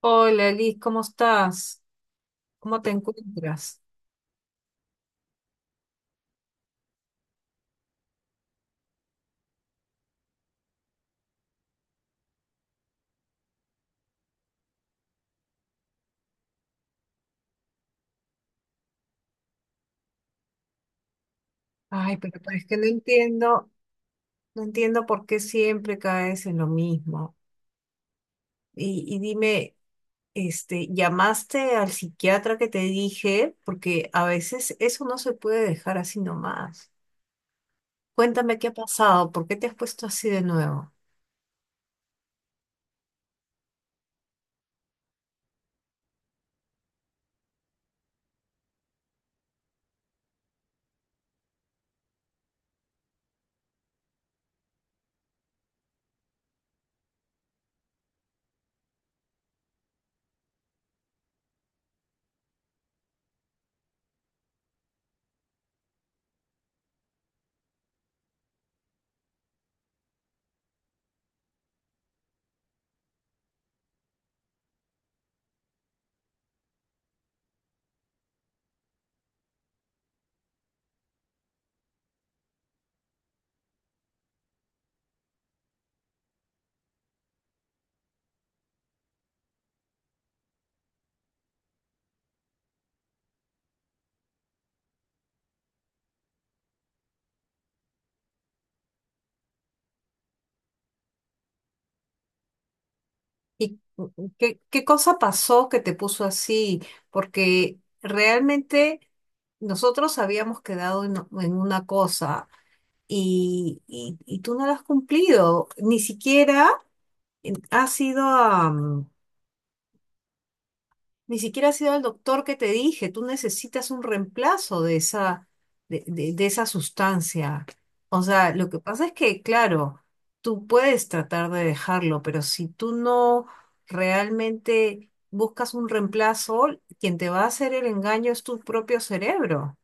Hola, Liz, ¿cómo estás? ¿Cómo te encuentras? Ay, pero es que no entiendo, no entiendo por qué siempre caes en lo mismo. Y dime, este, ¿llamaste al psiquiatra que te dije? Porque a veces eso no se puede dejar así nomás. Cuéntame qué ha pasado, por qué te has puesto así de nuevo. ¿Y qué, qué cosa pasó que te puso así? Porque realmente nosotros habíamos quedado en una cosa. Y tú no lo has cumplido. Ni siquiera has sido a, ni siquiera has sido al doctor que te dije. Tú necesitas un reemplazo de esa, de esa sustancia. O sea, lo que pasa es que, claro, tú puedes tratar de dejarlo, pero si tú no realmente buscas un reemplazo, quien te va a hacer el engaño es tu propio cerebro.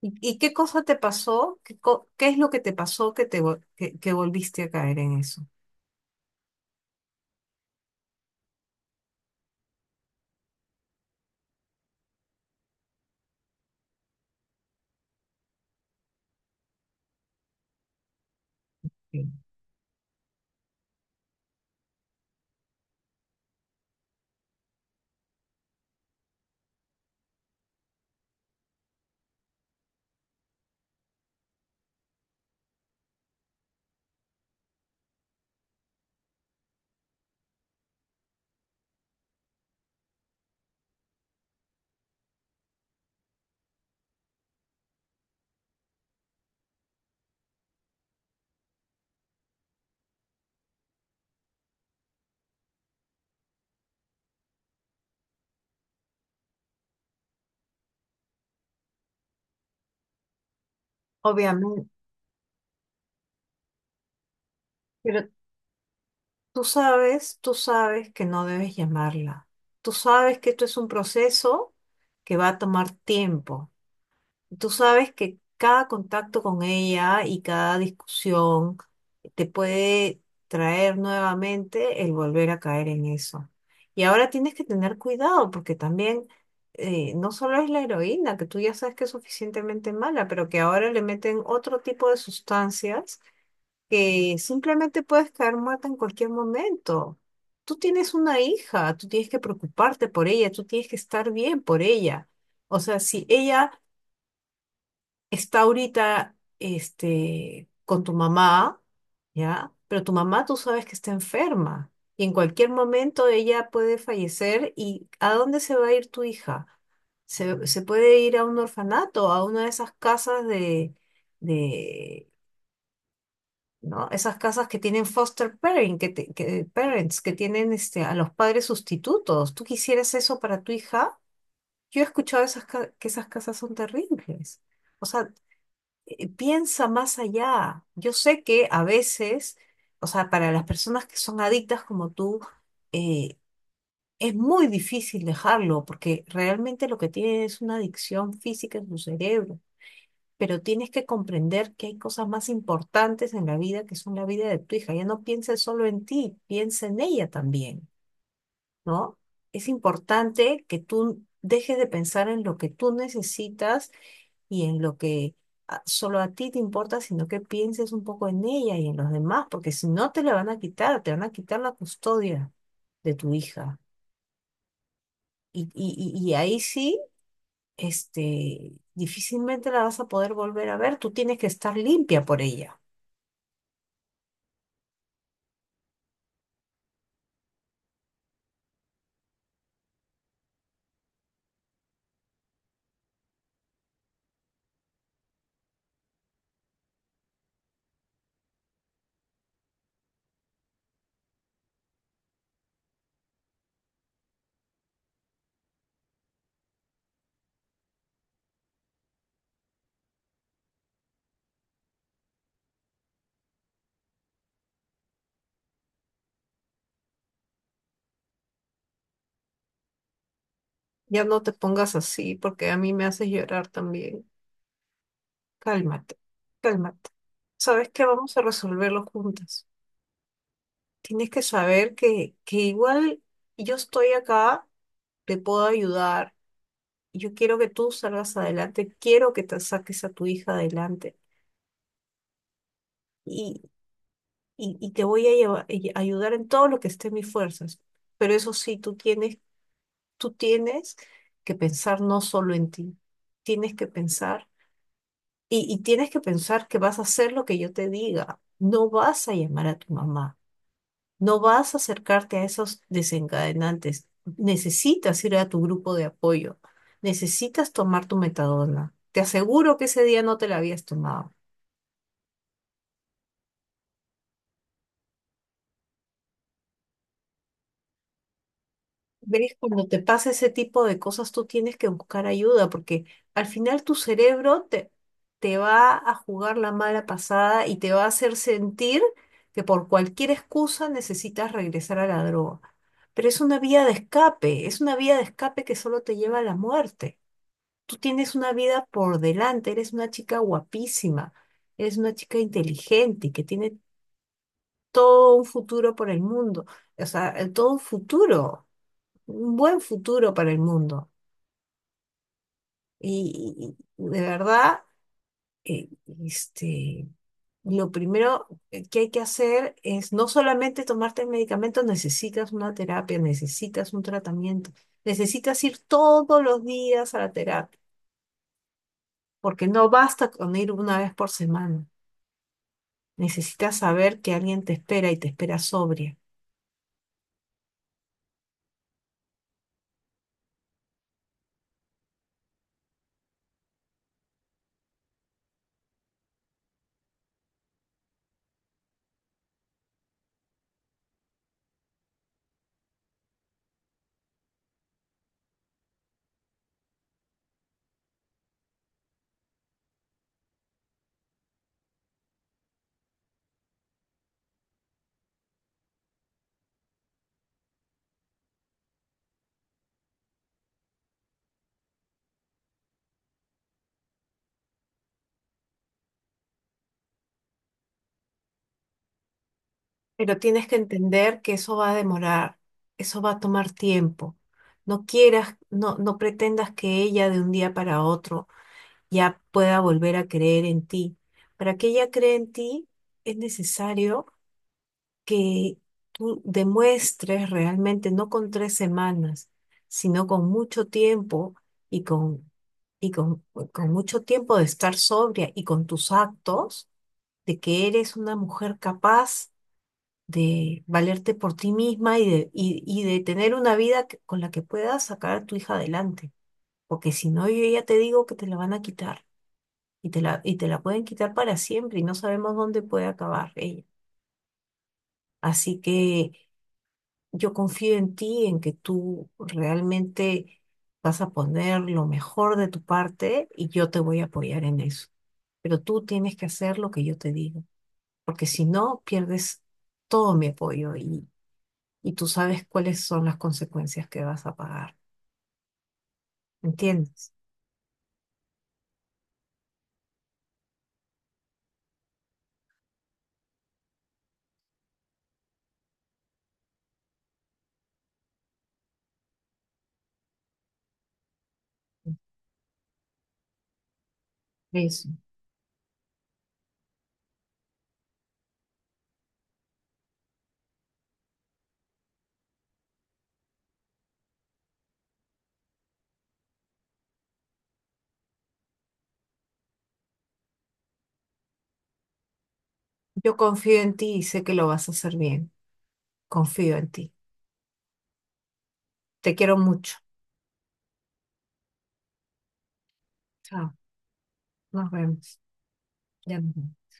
Y qué cosa te pasó? ¿Qué, co- qué es lo que te pasó que te vol- que volviste a caer en eso? Sí. Obviamente, pero tú sabes que no debes llamarla. Tú sabes que esto es un proceso que va a tomar tiempo. Tú sabes que cada contacto con ella y cada discusión te puede traer nuevamente el volver a caer en eso. Y ahora tienes que tener cuidado porque también no solo es la heroína, que tú ya sabes que es suficientemente mala, pero que ahora le meten otro tipo de sustancias que simplemente puedes caer muerta en cualquier momento. Tú tienes una hija, tú tienes que preocuparte por ella, tú tienes que estar bien por ella. O sea, si ella está ahorita este, con tu mamá, ¿ya? Pero tu mamá tú sabes que está enferma y en cualquier momento ella puede fallecer y ¿a dónde se va a ir tu hija? Se puede ir a un orfanato, a una de esas casas de, ¿no? Esas casas que tienen foster parent, que te- que- parents, que tienen este, a los padres sustitutos. ¿Tú quisieras eso para tu hija? Yo he escuchado esas, ca- que esas casas son terribles. O sea, piensa más allá. Yo sé que a veces, o sea, para las personas que son adictas como tú, eh, es muy difícil dejarlo, porque realmente lo que tiene es una adicción física en tu cerebro. Pero tienes que comprender que hay cosas más importantes en la vida que son la vida de tu hija. Ya no pienses solo en ti, piensa en ella también, ¿no? Es importante que tú dejes de pensar en lo que tú necesitas y en lo que a- solo a ti te importa, sino que pienses un poco en ella y en los demás, porque si no te la van a quitar, te van a quitar la custodia de tu hija. Y, y, y ahí sí, este, difícilmente la vas a poder volver a ver, tú tienes que estar limpia por ella. Ya no te pongas así, porque a mí me haces llorar también. Cálmate, cálmate. ¿Sabes qué? Vamos a resolverlo juntas. Tienes que saber que igual yo estoy acá, te puedo ayudar yo quiero que tú salgas adelante, quiero que te saques a tu hija adelante y, y te voy a lleva- y- ayudar en todo lo que esté en mis fuerzas. Pero eso sí, tú tienes que pensar no solo en ti, tienes que pensar y tienes que pensar que vas a hacer lo que yo te diga. No vas a llamar a tu mamá, no vas a acercarte a esos desencadenantes. Necesitas ir a tu grupo de apoyo, necesitas tomar tu metadona. Te aseguro que ese día no te la habías tomado. ¿Ves? Cuando te pasa ese tipo de cosas, tú tienes que buscar ayuda porque al final tu cerebro te va a jugar la mala pasada y te va a hacer sentir que por cualquier excusa necesitas regresar a la droga. Pero es una vía de escape, es una vía de escape que solo te lleva a la muerte. Tú tienes una vida por delante, eres una chica guapísima, eres una chica inteligente y que tiene todo un futuro por el mundo, o sea, todo un futuro un buen futuro para el mundo. Y de verdad, eh, este, lo primero que hay que hacer es no solamente tomarte el medicamento, necesitas una terapia, necesitas un tratamiento, necesitas ir todos los días a la terapia, porque no basta con ir una vez por semana. Necesitas saber que alguien te espera y te espera sobria. Pero tienes que entender que eso va a demorar, eso va a tomar tiempo. No quieras, no, no pretendas que ella de un día para otro ya pueda volver a creer en ti. Para que ella cree en ti, es necesario que tú demuestres realmente, no con tres semanas, sino con mucho tiempo y con, y con, con mucho tiempo de estar sobria y con tus actos, de que eres una mujer capaz de valerte por ti misma y de tener una vida que- con la que puedas sacar a tu hija adelante. Porque si no, yo ya te digo que te la van a quitar y te la pueden quitar para siempre y no sabemos dónde puede acabar ella. Así que yo confío en ti, en que tú realmente vas a poner lo mejor de tu parte y yo te voy a apoyar en eso. Pero tú tienes que hacer lo que yo te digo, porque si no, pierdes todo mi apoyo y tú sabes cuáles son las consecuencias que vas a pagar. ¿Entiendes? Eso. Yo confío en ti y sé que lo vas a hacer bien. Confío en ti. Te quiero mucho. Chao. Nos vemos. Ya nos vemos.